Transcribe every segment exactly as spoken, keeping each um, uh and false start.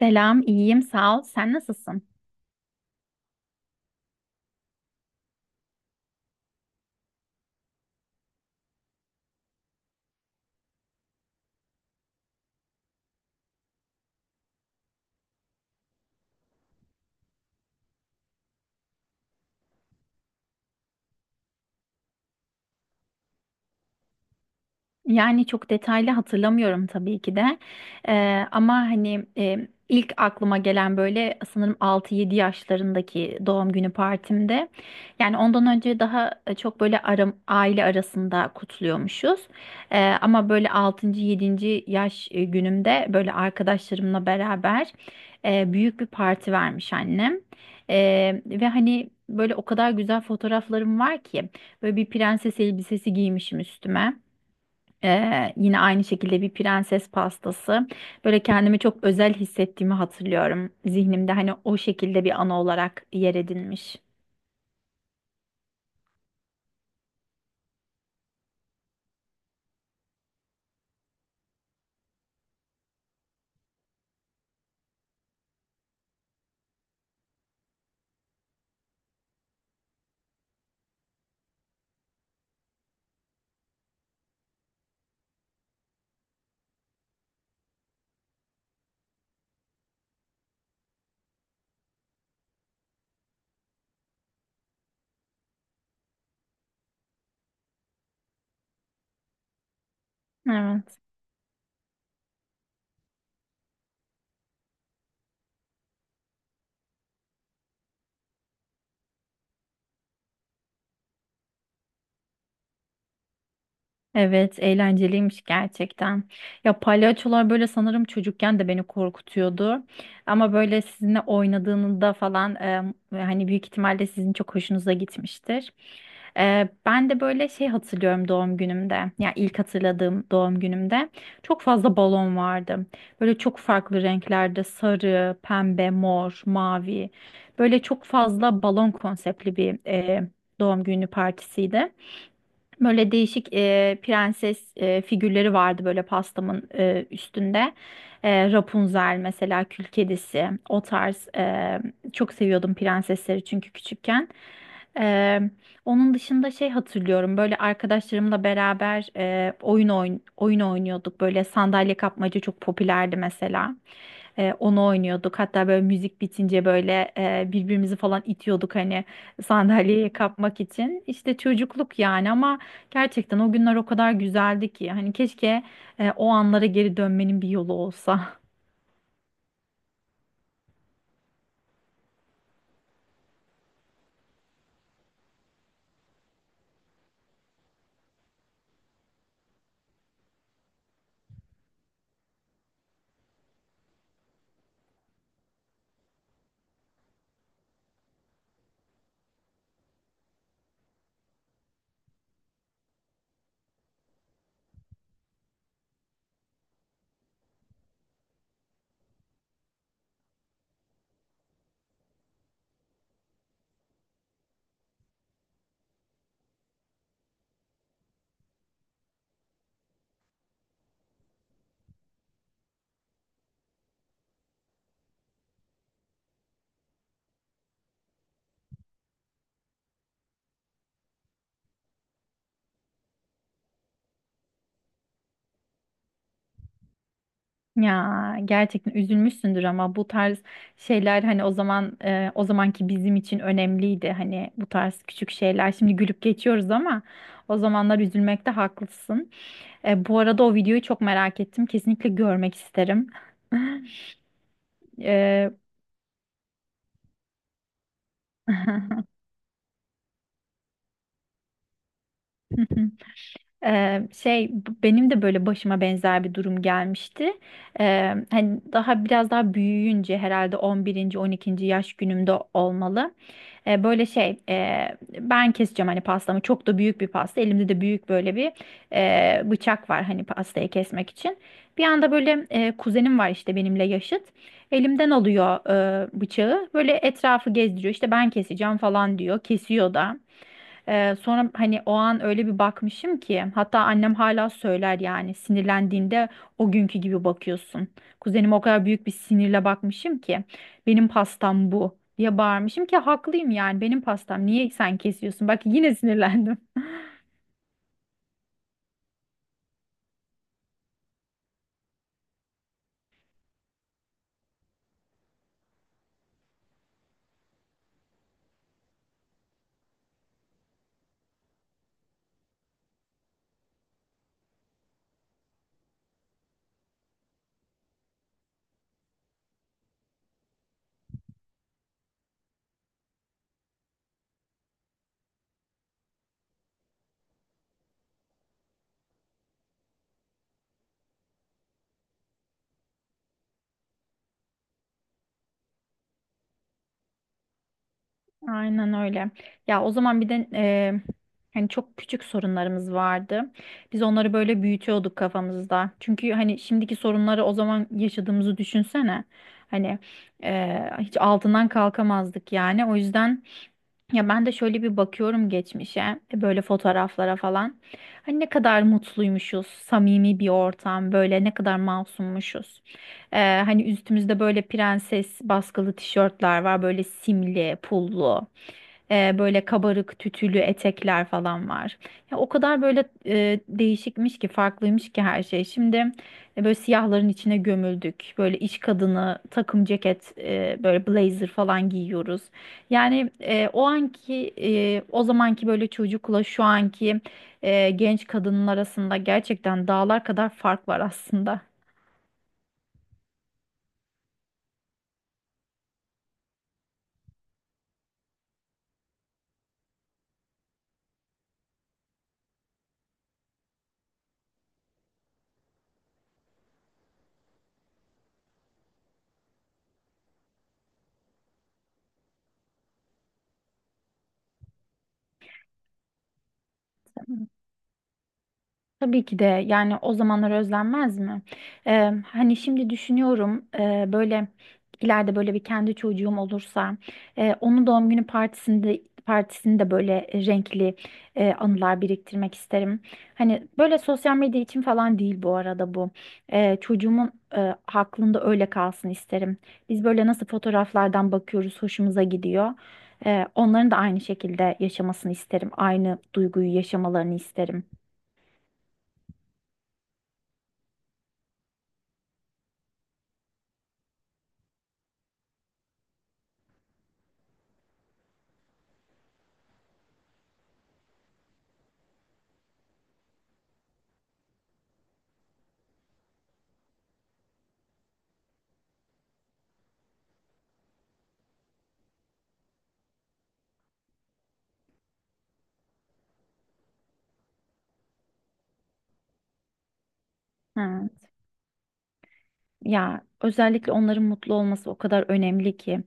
Selam, iyiyim, sağ ol. Sen nasılsın? Yani çok detaylı hatırlamıyorum tabii ki de. Ee, ama hani e, ilk aklıma gelen böyle sanırım altı yedi yaşlarındaki doğum günü partimde. Yani ondan önce daha e, çok böyle aram, aile arasında kutluyormuşuz. Ee, ama böyle altıncı. yedinci yaş e, günümde böyle arkadaşlarımla beraber e, büyük bir parti vermiş annem. Ee, ve hani böyle o kadar güzel fotoğraflarım var ki böyle bir prenses elbisesi giymişim üstüme. Ee, yine aynı şekilde bir prenses pastası. Böyle kendimi çok özel hissettiğimi hatırlıyorum. Zihnimde hani o şekilde bir anı olarak yer edinmiş. Evet. Evet, eğlenceliymiş gerçekten. Ya palyaçolar böyle sanırım çocukken de beni korkutuyordu. Ama böyle sizinle oynadığında falan e, hani büyük ihtimalle sizin çok hoşunuza gitmiştir. E, ben de böyle şey hatırlıyorum doğum günümde. Yani ilk hatırladığım doğum günümde çok fazla balon vardı. Böyle çok farklı renklerde sarı, pembe, mor, mavi. Böyle çok fazla balon konseptli bir e, doğum günü partisiydi. Böyle değişik e, prenses e, figürleri vardı böyle pastamın e, üstünde. E, Rapunzel mesela Kül Kedisi o tarz e, çok seviyordum prensesleri çünkü küçükken. E, Onun dışında şey hatırlıyorum böyle arkadaşlarımla beraber e, oyun oyn oyun oynuyorduk. Böyle sandalye kapmaca çok popülerdi mesela. E, onu oynuyorduk. Hatta böyle müzik bitince böyle e, birbirimizi falan itiyorduk hani sandalyeye kapmak için. İşte çocukluk yani ama gerçekten o günler o kadar güzeldi ki. Hani keşke e, o anlara geri dönmenin bir yolu olsa. Ya gerçekten üzülmüşsündür ama bu tarz şeyler hani o zaman e, o zamanki bizim için önemliydi. Hani bu tarz küçük şeyler. Şimdi gülüp geçiyoruz ama o zamanlar üzülmekte haklısın. E, bu arada o videoyu çok merak ettim. Kesinlikle görmek isterim. Ee, Ee, şey b- benim de böyle başıma benzer bir durum gelmişti. Ee, hani daha biraz daha büyüyünce herhalde on birinci, on ikinci yaş günümde olmalı. Ee, böyle şey e, ben keseceğim hani pastamı çok da büyük bir pasta. Elimde de büyük böyle bir e, bıçak var hani pastayı kesmek için. Bir anda böyle e, kuzenim var işte benimle yaşıt. Elimden alıyor e, bıçağı. Böyle etrafı gezdiriyor. İşte ben keseceğim falan diyor. Kesiyor da. Ee, sonra hani o an öyle bir bakmışım ki hatta annem hala söyler yani sinirlendiğinde o günkü gibi bakıyorsun. Kuzenime o kadar büyük bir sinirle bakmışım ki benim pastam bu diye bağırmışım ki haklıyım yani benim pastam niye sen kesiyorsun? Bak yine sinirlendim. Aynen öyle. Ya o zaman bir de e, hani çok küçük sorunlarımız vardı. Biz onları böyle büyütüyorduk kafamızda. Çünkü hani şimdiki sorunları o zaman yaşadığımızı düşünsene. Hani e, hiç altından kalkamazdık yani. O yüzden. Ya ben de şöyle bir bakıyorum geçmişe, e, böyle fotoğraflara falan. Hani ne kadar mutluymuşuz, samimi bir ortam, böyle ne kadar masummuşuz. Ee, hani üstümüzde böyle prenses baskılı tişörtler var, böyle simli, pullu, ee, böyle kabarık tütülü etekler falan var. Ya o kadar böyle e, değişikmiş ki, farklıymış ki her şey. Şimdi e, böyle siyahların içine gömüldük, böyle iş kadını takım ceket, e, böyle blazer falan giyiyoruz. Yani e, o anki e, o zamanki böyle çocukla şu anki e, genç kadının arasında gerçekten dağlar kadar fark var aslında. Tabii ki de yani o zamanlar özlenmez mi? Ee, hani şimdi düşünüyorum e, böyle ileride böyle bir kendi çocuğum olursa e, onun doğum günü partisinde partisinde böyle renkli e, anılar biriktirmek isterim. Hani böyle sosyal medya için falan değil bu arada bu. E, çocuğumun e, aklında öyle kalsın isterim. Biz böyle nasıl fotoğraflardan bakıyoruz, hoşumuza gidiyor. E, onların da aynı şekilde yaşamasını isterim. Aynı duyguyu yaşamalarını isterim. Hı. Ya özellikle onların mutlu olması o kadar önemli ki.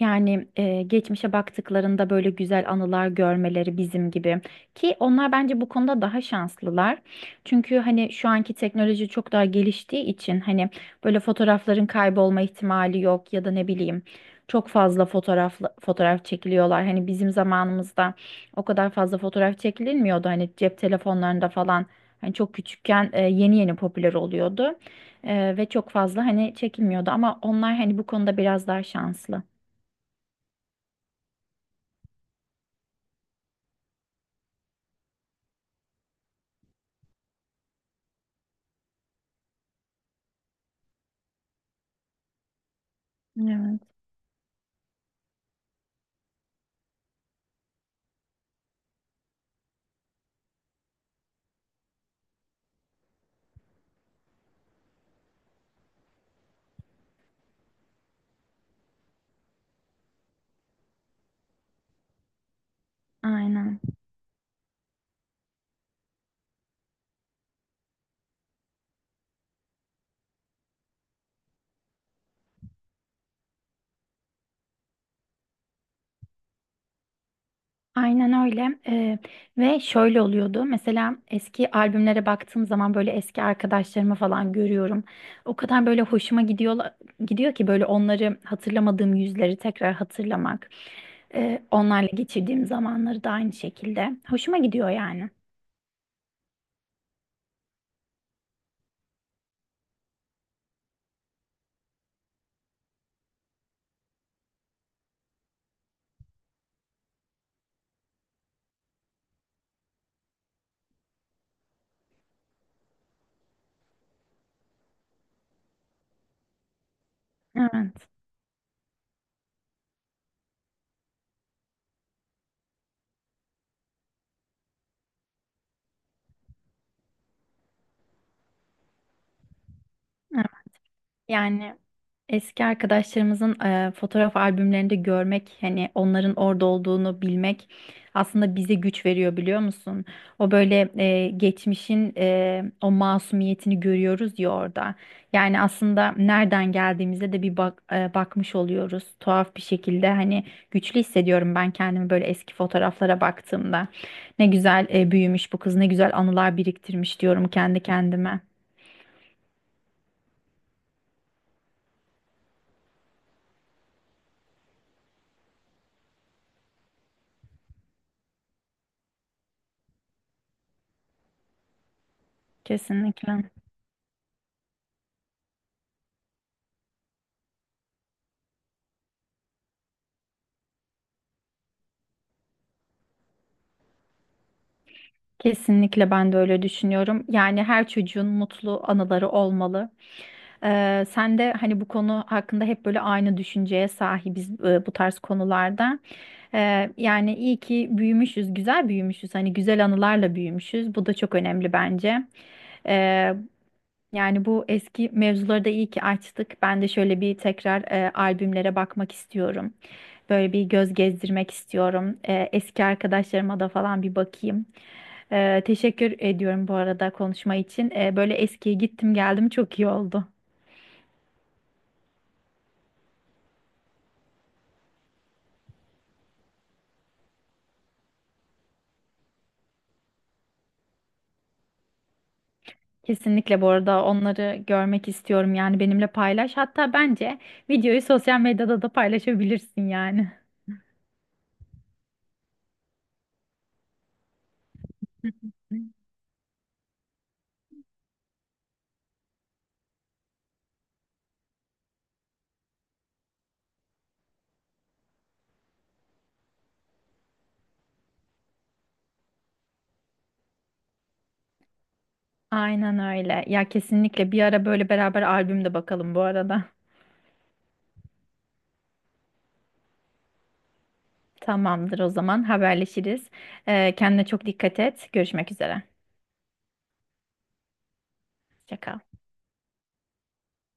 Yani e, geçmişe baktıklarında böyle güzel anılar görmeleri bizim gibi. Ki onlar bence bu konuda daha şanslılar. Çünkü hani şu anki teknoloji çok daha geliştiği için hani böyle fotoğrafların kaybolma ihtimali yok ya da ne bileyim çok fazla fotoğraf fotoğraf çekiliyorlar. Hani bizim zamanımızda o kadar fazla fotoğraf çekilmiyordu. Hani cep telefonlarında falan hani çok küçükken e, yeni yeni popüler oluyordu. Ee, ve çok fazla hani çekilmiyordu ama onlar hani bu konuda biraz daha şanslı. Evet, aynen. Aynen öyle. Ee, ve şöyle oluyordu. Mesela eski albümlere baktığım zaman böyle eski arkadaşlarımı falan görüyorum. O kadar böyle hoşuma gidiyor, gidiyor ki böyle onları hatırlamadığım yüzleri tekrar hatırlamak. Ee, onlarla geçirdiğim zamanları da aynı şekilde. Hoşuma gidiyor yani. Evet, evet. Yani eski arkadaşlarımızın e, fotoğraf albümlerinde görmek, hani onların orada olduğunu bilmek aslında bize güç veriyor biliyor musun? O böyle e, geçmişin e, o masumiyetini görüyoruz ya orada. Yani aslında nereden geldiğimize de bir bak, e, bakmış oluyoruz. Tuhaf bir şekilde hani güçlü hissediyorum ben kendimi böyle eski fotoğraflara baktığımda. Ne güzel e, büyümüş bu kız, ne güzel anılar biriktirmiş diyorum kendi kendime. Kesinlikle. Kesinlikle ben de öyle düşünüyorum. Yani her çocuğun mutlu anıları olmalı. Ee, sen de hani bu konu hakkında hep böyle aynı düşünceye sahibiz e, bu tarz konularda. Ee, yani iyi ki büyümüşüz, güzel büyümüşüz. Hani güzel anılarla büyümüşüz. Bu da çok önemli bence. Ee, Yani bu eski mevzuları da iyi ki açtık. Ben de şöyle bir tekrar e, albümlere bakmak istiyorum. Böyle bir göz gezdirmek istiyorum. Ee, eski arkadaşlarıma da falan bir bakayım. Ee, teşekkür ediyorum bu arada konuşma için. Ee, böyle eskiye gittim geldim çok iyi oldu. Kesinlikle bu arada onları görmek istiyorum yani benimle paylaş. Hatta bence videoyu sosyal medyada da paylaşabilirsin yani. Aynen öyle. Ya kesinlikle bir ara böyle beraber albüm de bakalım bu arada. Tamamdır o zaman haberleşiriz. Ee, kendine çok dikkat et. Görüşmek üzere. Hoşça kal.